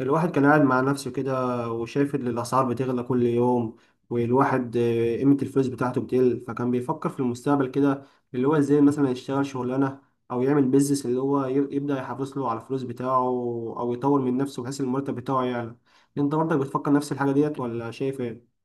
الواحد كان قاعد مع نفسه كده وشايف ان الاسعار بتغلى كل يوم والواحد قيمة الفلوس بتاعته بتقل فكان بيفكر في المستقبل كده اللي هو ازاي مثلا يشتغل شغلانة او يعمل بيزنس اللي هو يبدأ يحافظ له على الفلوس بتاعه او يطور من نفسه بحيث المرتب بتاعه يعلى. انت برضك بتفكر نفس الحاجة ديت ولا شايف ايه؟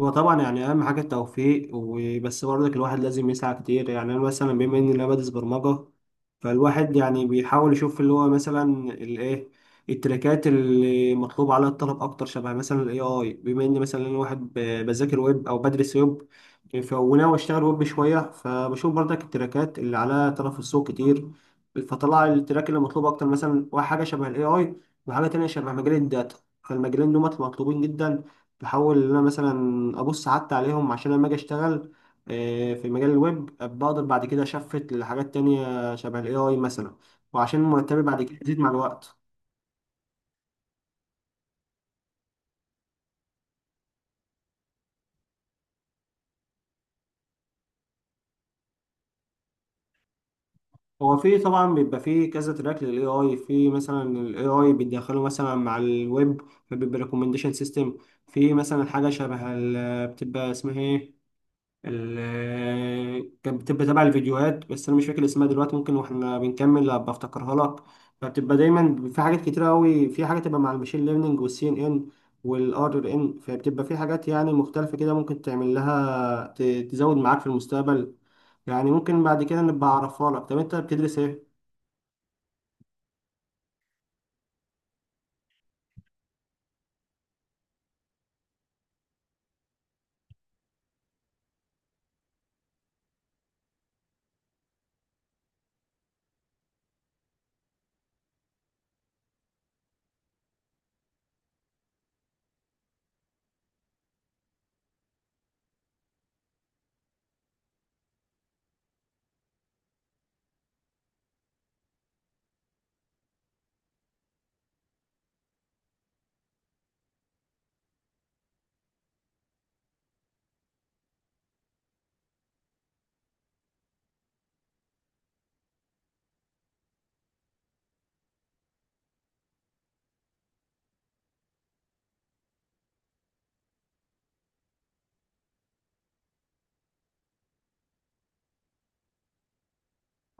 هو طبعا يعني اهم حاجه التوفيق وبس، برضك الواحد لازم يسعى كتير. يعني انا مثلا بما اني انا بدرس برمجه فالواحد يعني بيحاول يشوف اللي هو مثلا الايه، التريكات اللي مطلوب عليها الطلب اكتر شبه مثلا الاي اي. بما اني مثلا انا واحد بذاكر ويب او بدرس ويب وناوي اشتغل ويب شويه فبشوف برضك التريكات اللي عليها طلب في السوق كتير، فطلع التراك اللي مطلوب اكتر مثلا واحد حاجه شبه الاي اي وحاجه تانية شبه مجال الداتا. فالمجالين دول مطلوبين جدا، بحاول ان انا مثلا ابص حتى عليهم عشان لما اجي اشتغل في مجال الويب بقدر بعد كده اشفت لحاجات تانية شبه الاي اي مثلا، وعشان مرتبي بعد كده يزيد مع الوقت. هو في طبعا بيبقى في كذا تراك للاي اي، في مثلا الاي اي بيدخله مثلا مع الويب فبيبقى ريكومنديشن سيستم، في مثلا حاجه شبه بتبقى اسمها ايه، كانت بتبقى تبع الفيديوهات بس انا مش فاكر اسمها دلوقتي، ممكن واحنا بنكمل ابقى افتكرها لك. فبتبقى دايما في حاجات كتير قوي، في حاجه تبقى مع المشين ليرنينج والسي ان ان والار ان، فبتبقى في حاجات يعني مختلفه كده ممكن تعمل لها تزود معاك في المستقبل. يعني ممكن بعد كده نبقى اعرفها لك. طب انت بتدرس ايه؟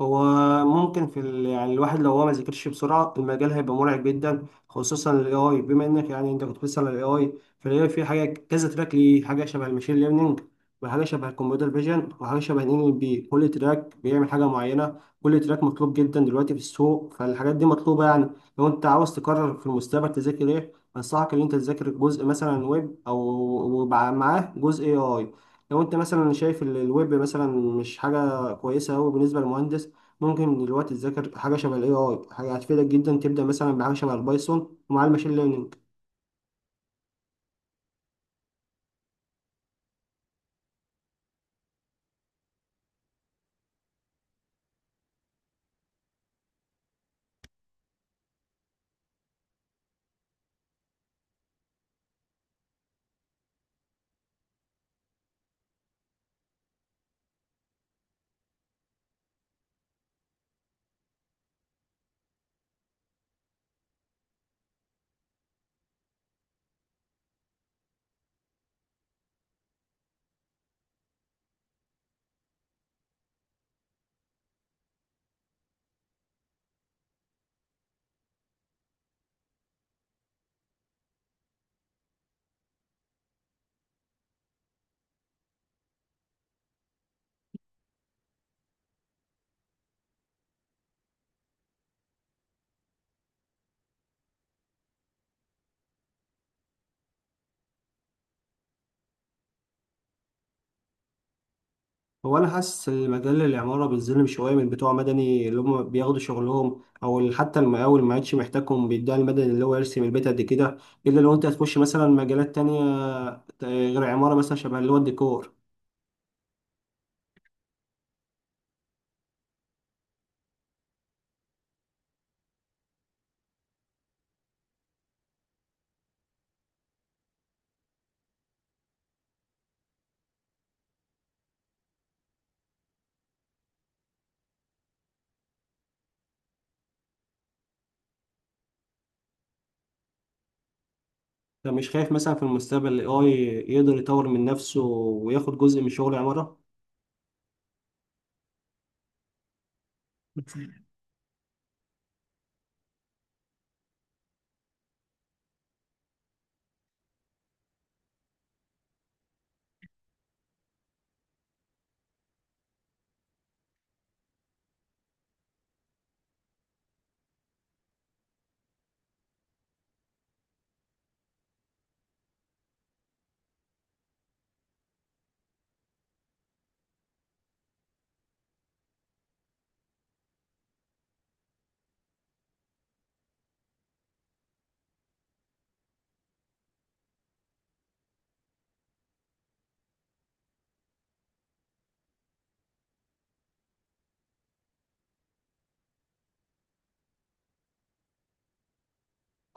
هو ممكن يعني الواحد لو هو ما ذاكرش بسرعة المجال هيبقى مرعب جدا، خصوصا ال AI بما انك يعني انت كنت بتسأل على ال AI. فال AI فيه حاجة كذا تراك، ليه حاجة شبه الماشين ليرنينج وحاجة شبه الكمبيوتر فيجن وحاجة شبه ان ال NLP. كل تراك بيعمل حاجة معينة، كل تراك مطلوب جدا دلوقتي في السوق فالحاجات دي مطلوبة. يعني لو انت عاوز تقرر في المستقبل تذاكر ايه، أنصحك إن أنت تذاكر جزء مثلا ويب أو معاه جزء AI. لو أنت مثلا شايف الويب مثلا مش حاجة كويسة أوي بالنسبة للمهندس، ممكن دلوقتي تذاكر حاجة شبه ال AI. حاجة هتفيدك جدا تبدأ مثلا بحاجة شبه البايثون ومع الماشين ليرنينج. هو أنا حاسس إن مجال العمارة بيتظلم شوية من بتوع مدني اللي هم بياخدوا شغلهم، أو اللي حتى المقاول ما عادش محتاجهم بيدعي المدني اللي هو يرسم البيت قد كده، إلا لو أنت هتخش مثلا مجالات تانية غير عمارة مثلا شبه اللي هو الديكور. فمش خايف مثلا في المستقبل ال AI يقدر يطور من نفسه وياخد جزء من شغل العمارة؟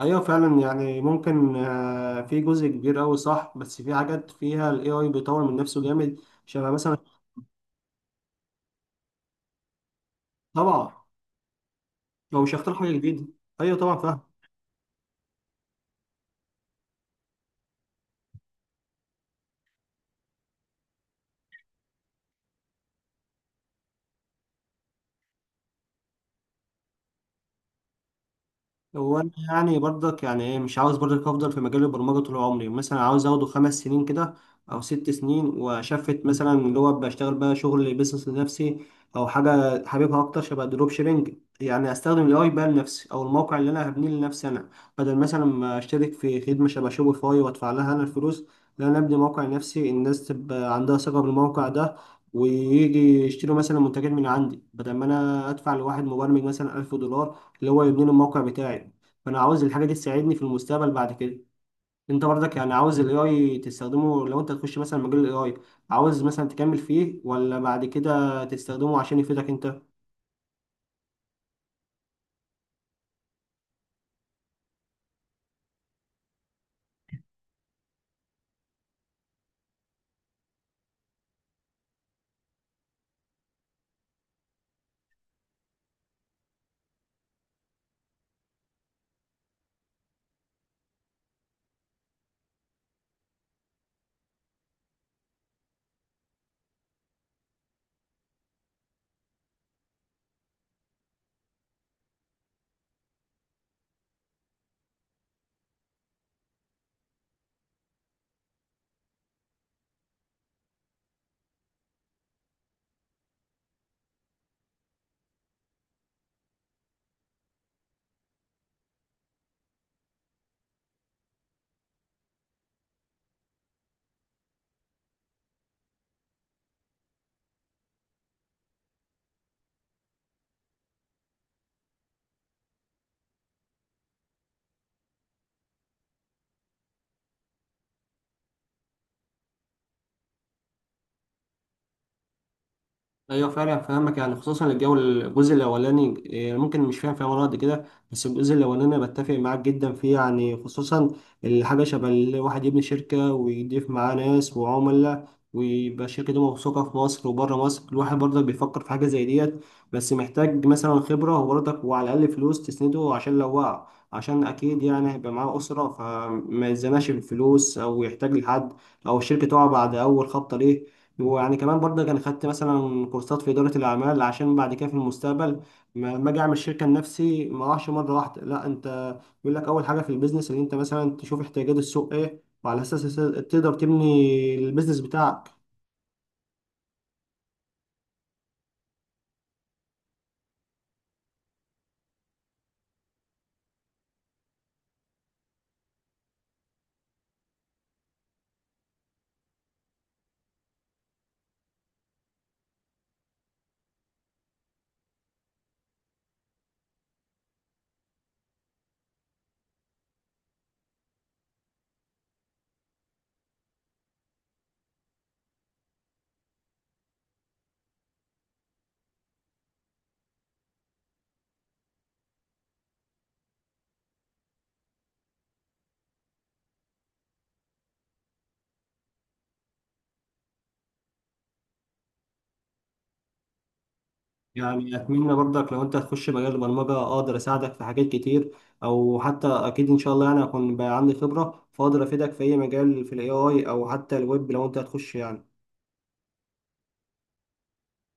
ايوه فعلا، يعني ممكن في جزء كبير قوي صح، بس في حاجات فيها الاي اي بيطور من نفسه جامد شبه مثلا. طبعا هو مش هيخترع حاجه جديده. ايوه طبعا فاهم. هو انا يعني برضك يعني ايه، مش عاوز برضك افضل في مجال البرمجه طول عمري، مثلا عاوز اخده 5 سنين كده او 6 سنين واشفت مثلا اللي هو بشتغل بقى شغل بيزنس لنفسي او حاجه حاببها اكتر شبه الدروب شيبنج. يعني استخدم الاي بقى لنفسي، او الموقع اللي انا هبنيه لنفسي انا، بدل مثلا ما اشترك في خدمه شبه شوبيفاي وادفع لها انا الفلوس. لا، انا ابني موقع لنفسي الناس تبقى عندها ثقه بالموقع ده ويجي يشتروا مثلا منتجات من عندي، بدل ما انا ادفع لواحد مبرمج مثلا 1000 دولار اللي هو يبني لي الموقع بتاعي. فانا عاوز الحاجه دي تساعدني في المستقبل بعد كده. انت برضك يعني عاوز الاي اي تستخدمه لو انت تخش مثلا مجال الاي اي؟ عاوز مثلا تكمل فيه ولا بعد كده تستخدمه عشان يفيدك انت؟ ايوه فعلا فاهمك، يعني خصوصا الجو الجزء الاولاني ممكن مش فاهم فيه ولا قد كده، بس الجزء الاولاني انا بتفق معاك جدا فيه. يعني خصوصا الحاجه شبه الواحد يبني شركه ويضيف معاه ناس وعملاء ويبقى الشركه دي موثوقه في مصر وبره مصر، الواحد برضك بيفكر في حاجه زي ديت. بس محتاج مثلا خبره وبرضك وعلى الاقل فلوس تسنده عشان لو وقع، عشان اكيد يعني هيبقى معاه اسره فما يتزنقش بالفلوس او يحتاج لحد، او الشركه تقع بعد اول خبطه ليه. ويعني كمان برضه كان خدت مثلا كورسات في إدارة الأعمال عشان بعد كده في المستقبل ما أجي أعمل شركة لنفسي ما أروحش مرة واحدة. لا، أنت بيقول لك أول حاجة في البيزنس إن أنت مثلا تشوف احتياجات السوق إيه وعلى أساس تقدر تبني البيزنس بتاعك. يعني أتمنى برضك لو أنت هتخش مجال البرمجة أقدر أساعدك في حاجات كتير، أو حتى أكيد إن شاء الله يعني هكون بقى عندي خبرة فأقدر أفيدك في أي مجال في ال AI أو حتى الويب لو أنت هتخش يعني.